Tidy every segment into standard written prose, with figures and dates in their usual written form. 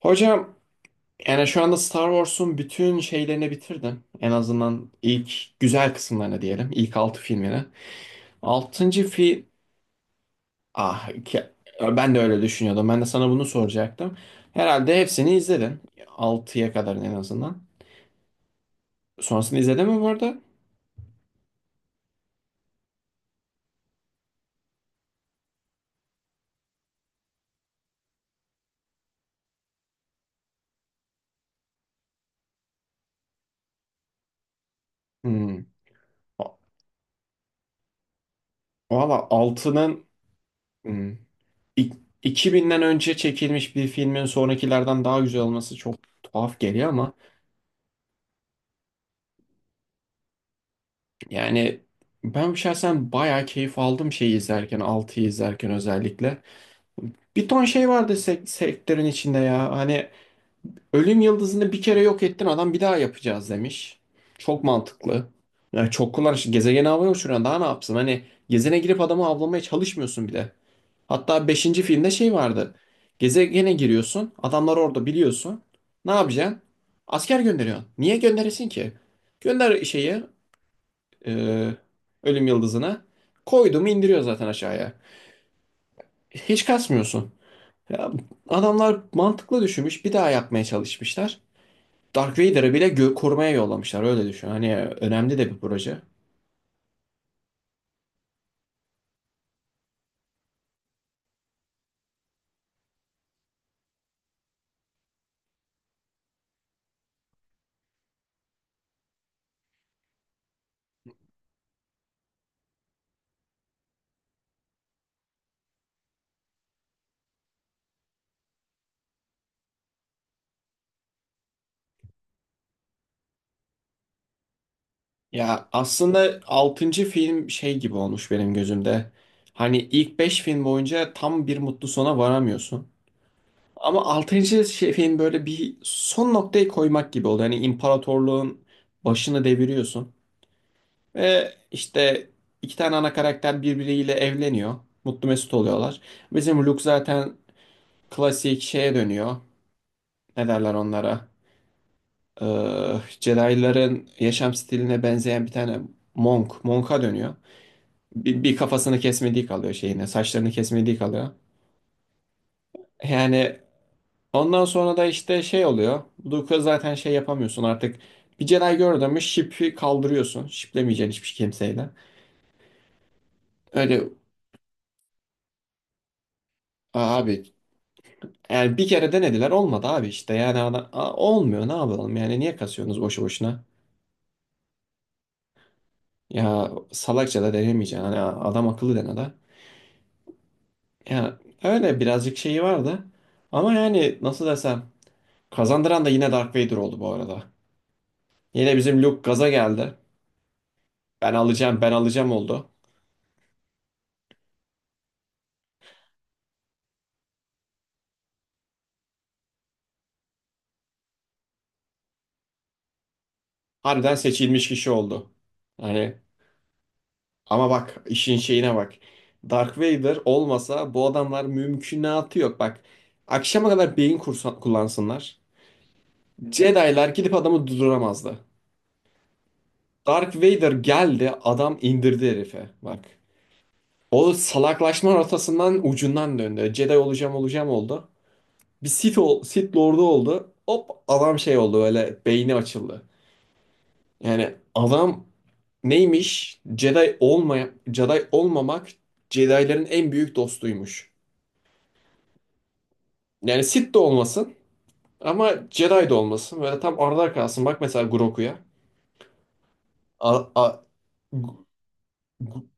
Hocam yani şu anda Star Wars'un bütün şeylerini bitirdim. En azından ilk güzel kısımlarını diyelim. İlk 6 filmini. 6. film... Ah ke- Ben de öyle düşünüyordum. Ben de sana bunu soracaktım. Herhalde hepsini izledin, altıya kadar en azından. Sonrasını izledin mi bu arada? Hmm. Valla 6'nın hmm. İk- 2000'den önce çekilmiş bir filmin sonrakilerden daha güzel olması çok tuhaf geliyor ama. Yani ben şahsen bayağı keyif aldım şeyi izlerken, altıyı izlerken özellikle. Bir ton şey vardı sektörün içinde ya. Hani ölüm yıldızını bir kere yok ettin, adam bir daha yapacağız demiş. Çok mantıklı. Ya çok kullanışlı. Gezegeni havaya uçuran daha ne yapsın? Hani gezene girip adamı avlamaya çalışmıyorsun bile. Hatta beşinci filmde şey vardı. Gezegene giriyorsun. Adamlar orada biliyorsun. Ne yapacaksın? Asker gönderiyorsun. Niye gönderesin ki? Gönder şeyi, e, ölüm yıldızını, koydum indiriyor zaten aşağıya. Hiç kasmıyorsun. Ya, adamlar mantıklı düşünmüş, bir daha yapmaya çalışmışlar. Dark Vader'ı bile korumaya yollamışlar, öyle düşün. Hani önemli de bir proje. Ya aslında 6. film şey gibi olmuş benim gözümde. Hani ilk 5 film boyunca tam bir mutlu sona varamıyorsun. Ama 6. şey, film böyle bir son noktayı koymak gibi oldu. Hani imparatorluğun başını deviriyorsun. Ve işte iki tane ana karakter birbiriyle evleniyor. Mutlu mesut oluyorlar. Bizim Luke zaten klasik şeye dönüyor. Ne derler onlara? Ee, Jedi'ların yaşam stiline benzeyen bir tane monk. Monk'a dönüyor. Bir kafasını kesmediği kalıyor şeyine. Saçlarını kesmediği kalıyor. Yani ondan sonra da işte şey oluyor. Luke'a zaten şey yapamıyorsun artık. Bir Jedi gördün mü ship'i kaldırıyorsun. Ship'lemeyeceksin hiçbir kimseyle. Öyle abi. Yani bir kere denediler, olmadı abi, işte yani olmuyor, ne yapalım yani, niye kasıyorsunuz boşu boşuna? Ya salakça da denemeyeceksin, hani adam akıllı dene de. Ya öyle birazcık şeyi vardı ama yani nasıl desem, kazandıran da yine Dark Vader oldu bu arada. Yine bizim Luke gaza geldi, ben alacağım ben alacağım oldu. Harbiden seçilmiş kişi oldu. Hani ama bak işin şeyine bak. Dark Vader olmasa bu adamlar mümkünatı yok bak. Akşama kadar beyin kullansınlar. Jedi'lar gidip adamı durduramazdı. Dark Vader geldi, adam indirdi herife. Bak. O salaklaşma rotasından ucundan döndü. Jedi olacağım olacağım oldu. Bir Sith Lord'u oldu. Hop adam şey oldu, öyle beyni açıldı. Yani adam neymiş? Jedi olmaya Jedi olmamak, Jedi'lerin en büyük dostuymuş. Yani Sith de olmasın ama Jedi de olmasın. Böyle tam arada kalsın. Bak mesela Grogu'ya. A- a- Gu-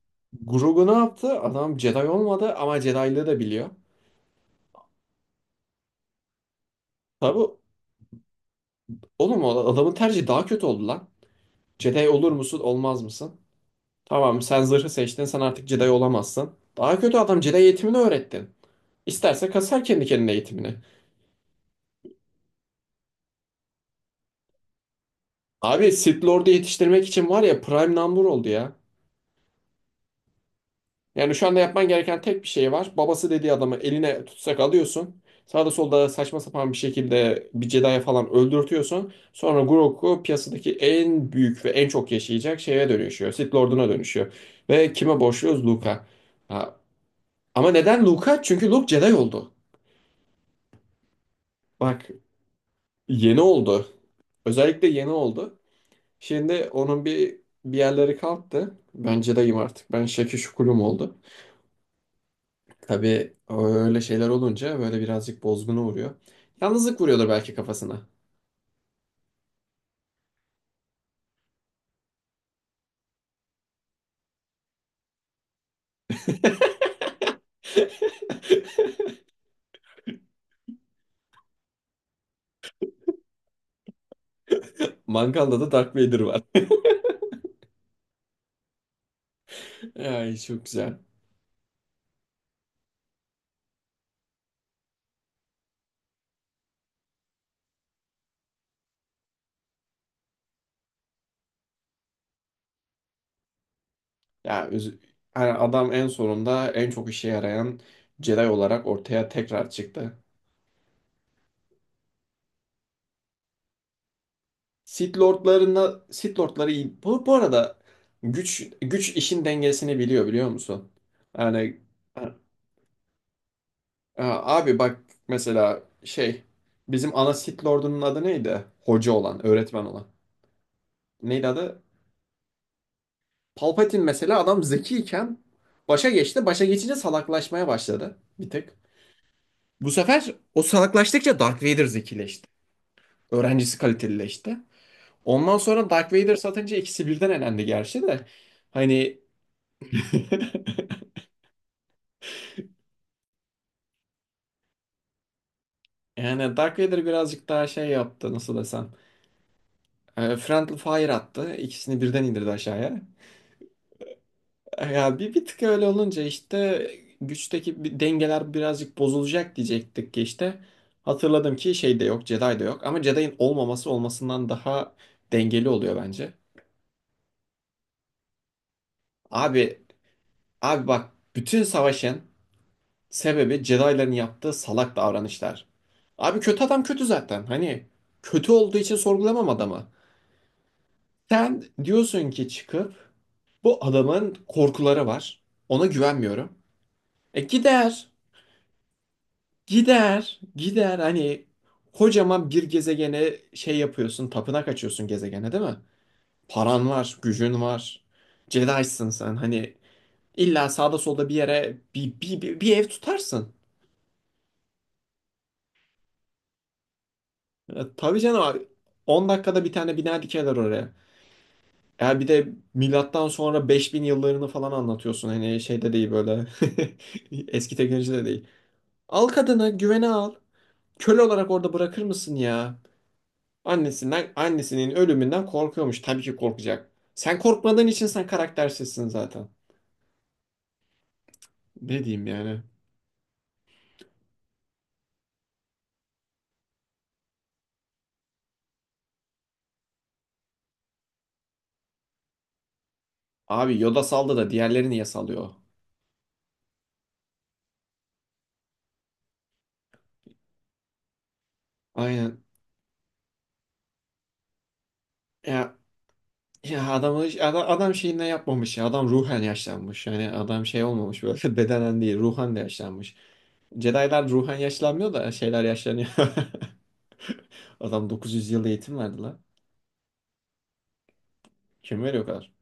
Grogu ne yaptı? Adam Jedi olmadı ama Jedi'lığı da biliyor. Tabi oğlum, o adamın tercihi daha kötü oldu lan. Jedi olur musun olmaz mısın? Tamam, sen zırhı seçtin, sen artık Jedi olamazsın. Daha kötü, adam Jedi eğitimini öğrettin. İsterse kasar kendi kendine eğitimini. Abi Sith Lord'u yetiştirmek için var ya, prime number oldu ya. Yani şu anda yapman gereken tek bir şey var. Babası dediği adamı eline tutsak alıyorsun. Sağda solda saçma sapan bir şekilde bir Jedi'ye falan öldürtüyorsun. Sonra Grogu piyasadaki en büyük ve en çok yaşayacak şeye dönüşüyor. Sith Lord'una dönüşüyor. Ve kime borçluyuz? Luke'a. Ha, ama neden Luke'a? Çünkü Luke Jedi oldu. Bak yeni oldu. Özellikle yeni oldu. Şimdi onun bir bir yerleri kalktı. Ben Jedi'yim artık. Ben Şekil Şukulum oldu. Tabii öyle şeyler olunca böyle birazcık bozguna uğruyor. Yalnızlık vuruyordur belki kafasına. Mangalda da Darth Vader var. Ay, çok güzel. Ya yani adam en sonunda en çok işe yarayan Jedi olarak ortaya tekrar çıktı. Sith Lord'larına Sith Lord'ları iyi. Bu arada güç güç işin dengesini biliyor biliyor musun? Yani Aa, abi bak, mesela şey, bizim ana Sith Lord'unun adı neydi? Hoca olan, öğretmen olan. Neydi adı? Palpatine mesela, adam zekiyken başa geçti. Başa geçince salaklaşmaya başladı bir tık. Bu sefer o salaklaştıkça Darth Vader zekileşti. Öğrencisi kalitelileşti. Ondan sonra Darth Vader satınca ikisi birden elendi gerçi de. Hani yani Dark Vader birazcık daha şey yaptı, nasıl desem. Friendly Fire attı. İkisini birden indirdi aşağıya. Ya bir tık öyle olunca işte güçteki bir dengeler birazcık bozulacak diyecektik ki işte. Hatırladım ki şey de yok, Jedi de yok. Ama Jedi'in olmaması olmasından daha dengeli oluyor bence. Abi, abi bak, bütün savaşın sebebi Jedi'ların yaptığı salak davranışlar. Abi kötü adam kötü zaten. Hani kötü olduğu için sorgulamam adamı. Sen diyorsun ki çıkıp bu adamın korkuları var. Ona güvenmiyorum. E gider. Gider, gider. Hani kocaman bir gezegene şey yapıyorsun, tapınak açıyorsun gezegene, değil mi? Paran var, gücün var. Jedi'sın sen. Hani illa sağda solda bir yere bir ev tutarsın. Ya, tabii canım abi. 10 dakikada bir tane bina dikerler oraya. Eğer bir de milattan sonra 5000 yıllarını falan anlatıyorsun. Hani şeyde değil böyle. Eski teknolojide değil. Al kadını, güvene al. Köle olarak orada bırakır mısın ya? Annesinden, annesinin ölümünden korkuyormuş. Tabii ki korkacak. Sen korkmadığın için sen karaktersizsin zaten. Ne diyeyim yani? Abi Yoda saldı da diğerleri niye salıyor? Aynen. Ya, ya adamı, adam şeyinden yapmamış ya. Adam ruhen yaşlanmış. Yani adam şey olmamış böyle bedenen değil. Ruhen de yaşlanmış. Jedi'lar ruhen yaşlanmıyor da şeyler yaşlanıyor. Adam 900 yıl eğitim verdi lan. Kim veriyor o kadar?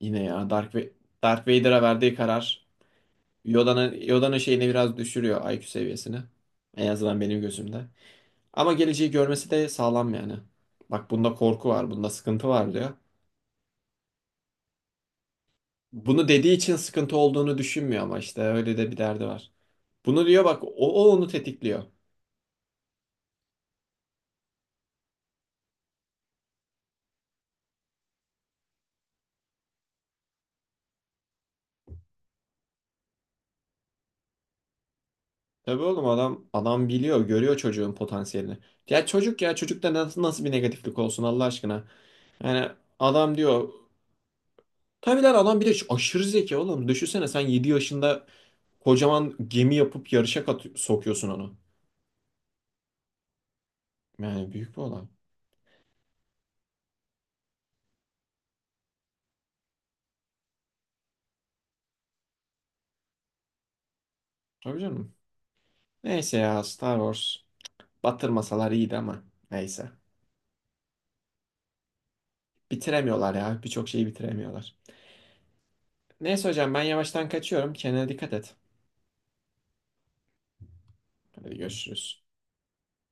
Yine ya Darth Vader'a verdiği karar Yoda'nın şeyini biraz düşürüyor IQ seviyesini. En azından benim gözümde. Ama geleceği görmesi de sağlam yani. Bak bunda korku var, bunda sıkıntı var diyor. Bunu dediği için sıkıntı olduğunu düşünmüyor ama işte öyle de bir derdi var. Bunu diyor bak, o onu tetikliyor. Tabii oğlum, adam biliyor, görüyor çocuğun potansiyelini. Ya çocuk ya çocukta nasıl bir negatiflik olsun Allah aşkına. Yani adam diyor. Tabii lan adam, bir de şu aşırı zeki oğlum. Düşünsene, sen 7 yaşında kocaman gemi yapıp yarışa kat sokuyorsun onu. Yani büyük bir olay. Tabii canım. Neyse ya, Star Wars. Batırmasalar iyiydi ama. Neyse. Bitiremiyorlar ya. Birçok şeyi bitiremiyorlar. Neyse hocam, ben yavaştan kaçıyorum. Kendine dikkat et. Hadi görüşürüz.